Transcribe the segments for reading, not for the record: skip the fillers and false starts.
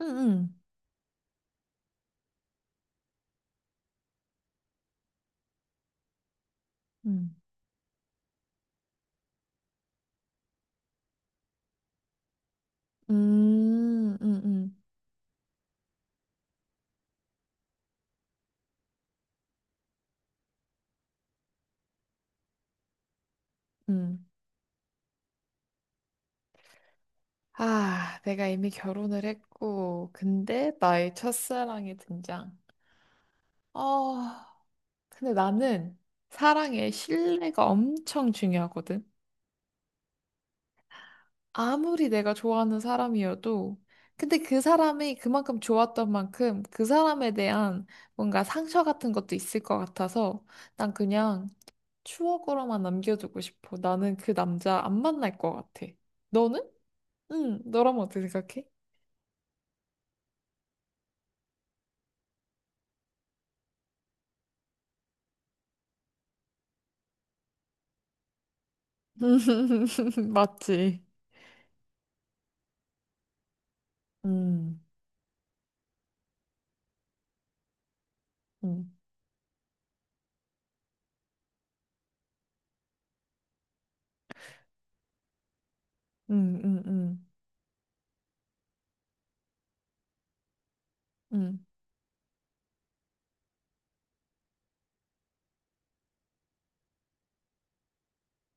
응, 응, 응, 응, 응, 응. 아, 내가 이미 결혼을 했고, 근데 나의 첫사랑이 등장. 어, 근데 나는 사랑에 신뢰가 엄청 중요하거든. 아무리 내가 좋아하는 사람이어도, 근데 그 사람이 그만큼 좋았던 만큼 그 사람에 대한 뭔가 상처 같은 것도 있을 것 같아서 난 그냥 추억으로만 남겨두고 싶어. 나는 그 남자 안 만날 것 같아. 너는? 응, 너라면 어떻게 생각해? 맞지? 음, 음, 음, 음, 음, 음.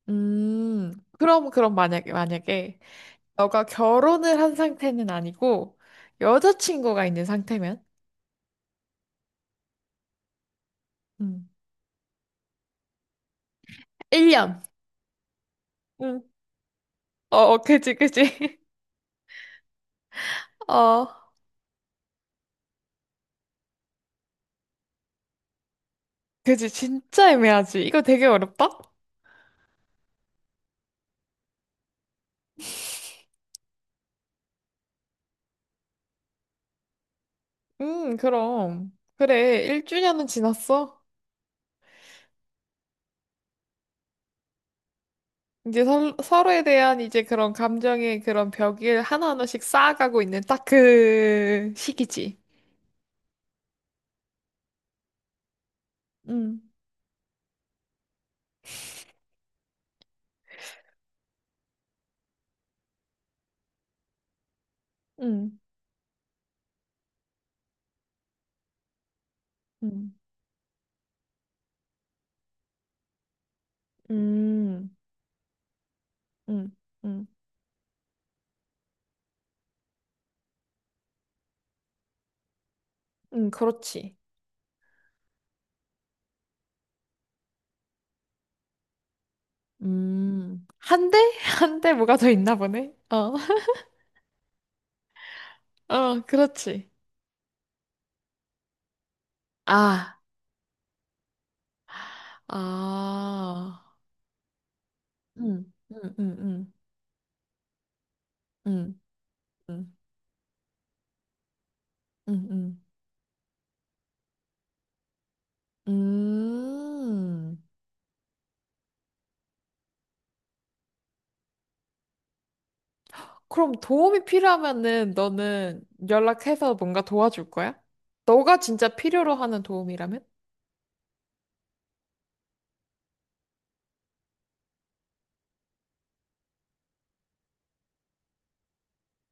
음, 그럼, 그럼 만약에, 만약에, 너가 결혼을 한 상태는 아니고, 여자친구가 있는 상태면? 음, 1년. 응. 어, 어, 그지, 그지. 어, 그지, 진짜 애매하지. 이거 되게 어렵다? 그럼. 그래, 1주년은 지났어? 이제 서, 서로에 대한 이제 그런 감정의 그런 벽을 하나하나씩 쌓아가고 있는 딱 그 시기지. 음, 음, 음, 음, 음, 음, 응, 그렇지. 음. 한 대? 한 대 뭐가 더 있나 보네. 어. 어, 그렇지. 아, 아. 음, 음, 음, 음, 음, 음, 음, 음. 음. 그럼 도움이 필요하면은 너는 연락해서 뭔가 도와줄 거야? 너가 진짜 필요로 하는 도움이라면?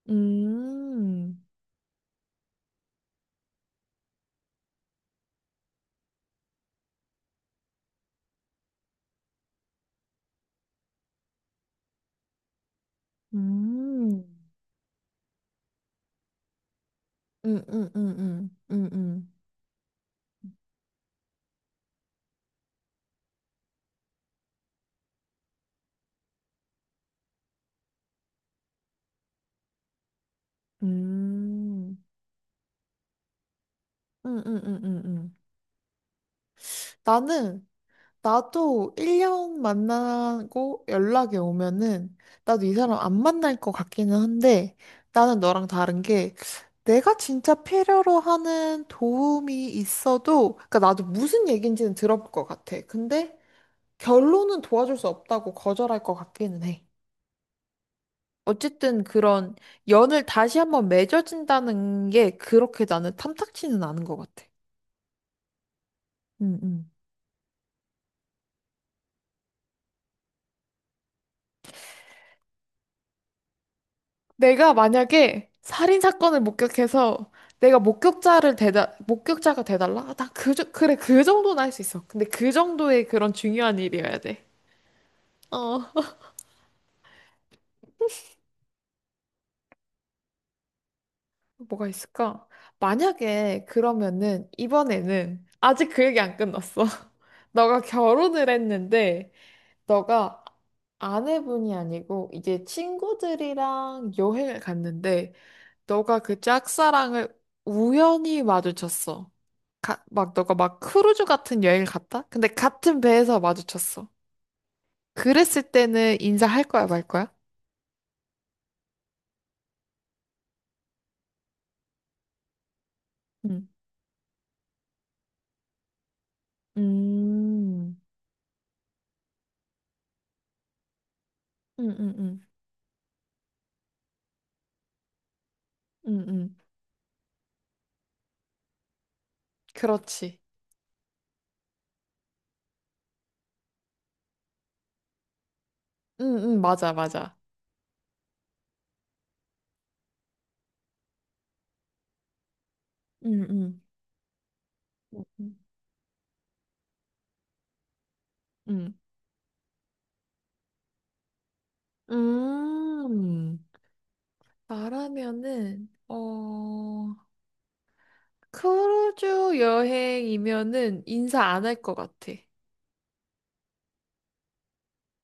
음, 음, 음, 음, 음, 음, 음, 음, 음, 음. 나는 나도 1년 만나고 연락이 오면은 나도 이 사람 안 만날 것 같기는 한데 나는 너랑 다른 게 내가 진짜 필요로 하는 도움이 있어도 그러니까 나도 무슨 얘기인지는 들어볼 것 같아. 근데 결론은 도와줄 수 없다고 거절할 것 같기는 해. 어쨌든 그런 연을 다시 한번 맺어진다는 게 그렇게 나는 탐탁지는 않은 것 같아. 응, 응. 내가 만약에 살인 사건을 목격해서 내가 목격자를 대다 목격자가 돼달라? 아, 나 그래 그 정도는 할 수 있어. 근데 그 정도의 그런 중요한 일이어야 돼. 어. 뭐가 있을까? 만약에 그러면은 이번에는 아직 그 얘기 안 끝났어. 너가 결혼을 했는데 너가 아내분이 아니고 이제 친구들이랑 여행을 갔는데 너가 그 짝사랑을 우연히 마주쳤어. 막 너가 막 크루즈 같은 여행을 갔다? 근데 같은 배에서 마주쳤어. 그랬을 때는 인사할 거야, 말 거야? 응. 음. 응, 응, 응. 응, 응. 그렇지. 응, 응, 맞아, 맞아. 응, 응. 응. 응. 음. 나라면은 어 크루즈 여행이면은 인사 안 할 것 같아.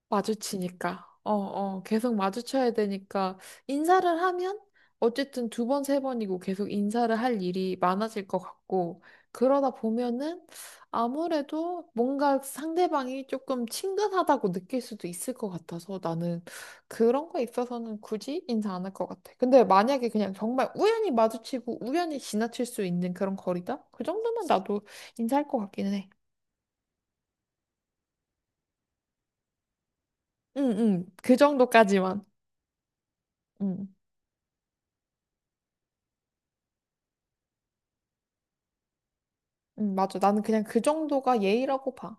마주치니까. 어, 어, 계속 마주쳐야 되니까 인사를 하면 어쨌든 두 번, 세 번이고 계속 인사를 할 일이 많아질 것 같고 그러다 보면은 아무래도 뭔가 상대방이 조금 친근하다고 느낄 수도 있을 것 같아서 나는 그런 거에 있어서는 굳이 인사 안 할 것 같아. 근데 만약에 그냥 정말 우연히 마주치고 우연히 지나칠 수 있는 그런 거리다? 그 정도면 나도 인사할 것 같기는 해. 응, 응, 그 정도까지만. 응. 맞아. 나는 그냥 그 정도가 예의라고 봐.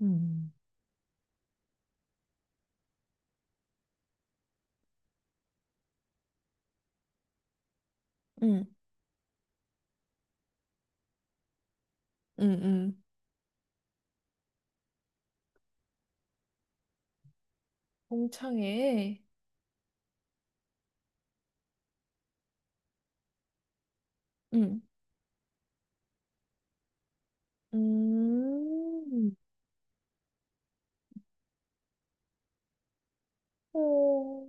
음. 응, 응, 응. 동창회. 응. 음. 어,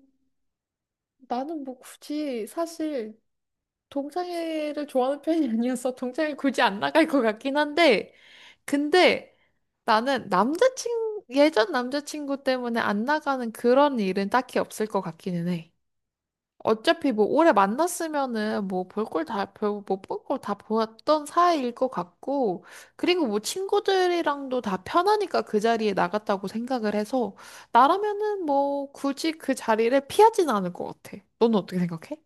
나는 뭐 굳이 사실 동창회를 좋아하는 편이 아니어서 동창회 굳이 안 나갈 것 같긴 한데, 근데 나는 남자친, 예전 남자친구 때문에 안 나가는 그런 일은 딱히 없을 것 같기는 해. 어차피 뭐 오래 만났으면은 뭐 별뭐볼걸 다 보았던 사이일 것 같고, 그리고 뭐 친구들이랑도 다 편하니까 그 자리에 나갔다고 생각을 해서, 나라면은 뭐 굳이 그 자리를 피하진 않을 것 같아. 너는 어떻게 생각해?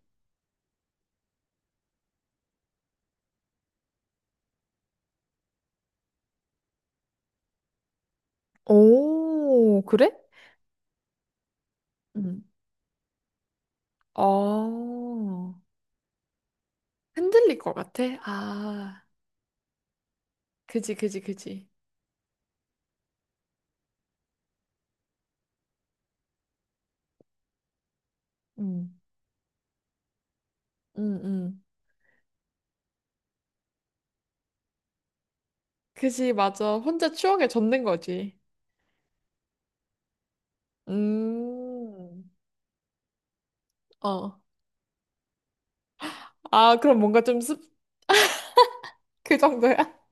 오, 그래? 응. 어, 흔들릴 것 같아? 아, 그지, 그지, 그지. 응, 응, 응. 그지, 맞아. 혼자 추억에 젖는 거지. 음, 어. 아, 그럼 뭔가 좀 씁, 그 정도야?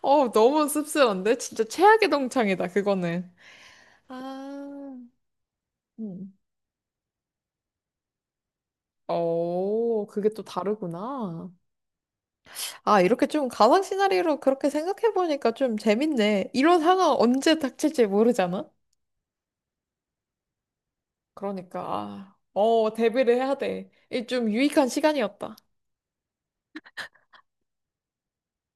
어, 너무 씁쓸한데? 진짜 최악의 동창이다, 그거는. 아, 음. 어, 그게 또 다르구나. 아, 이렇게 좀 가상 시나리오로 그렇게 생각해보니까 좀 재밌네. 이런 상황 언제 닥칠지 모르잖아? 그러니까, 아, 어, 대비를 해야 돼. 이 좀 유익한 시간이었다.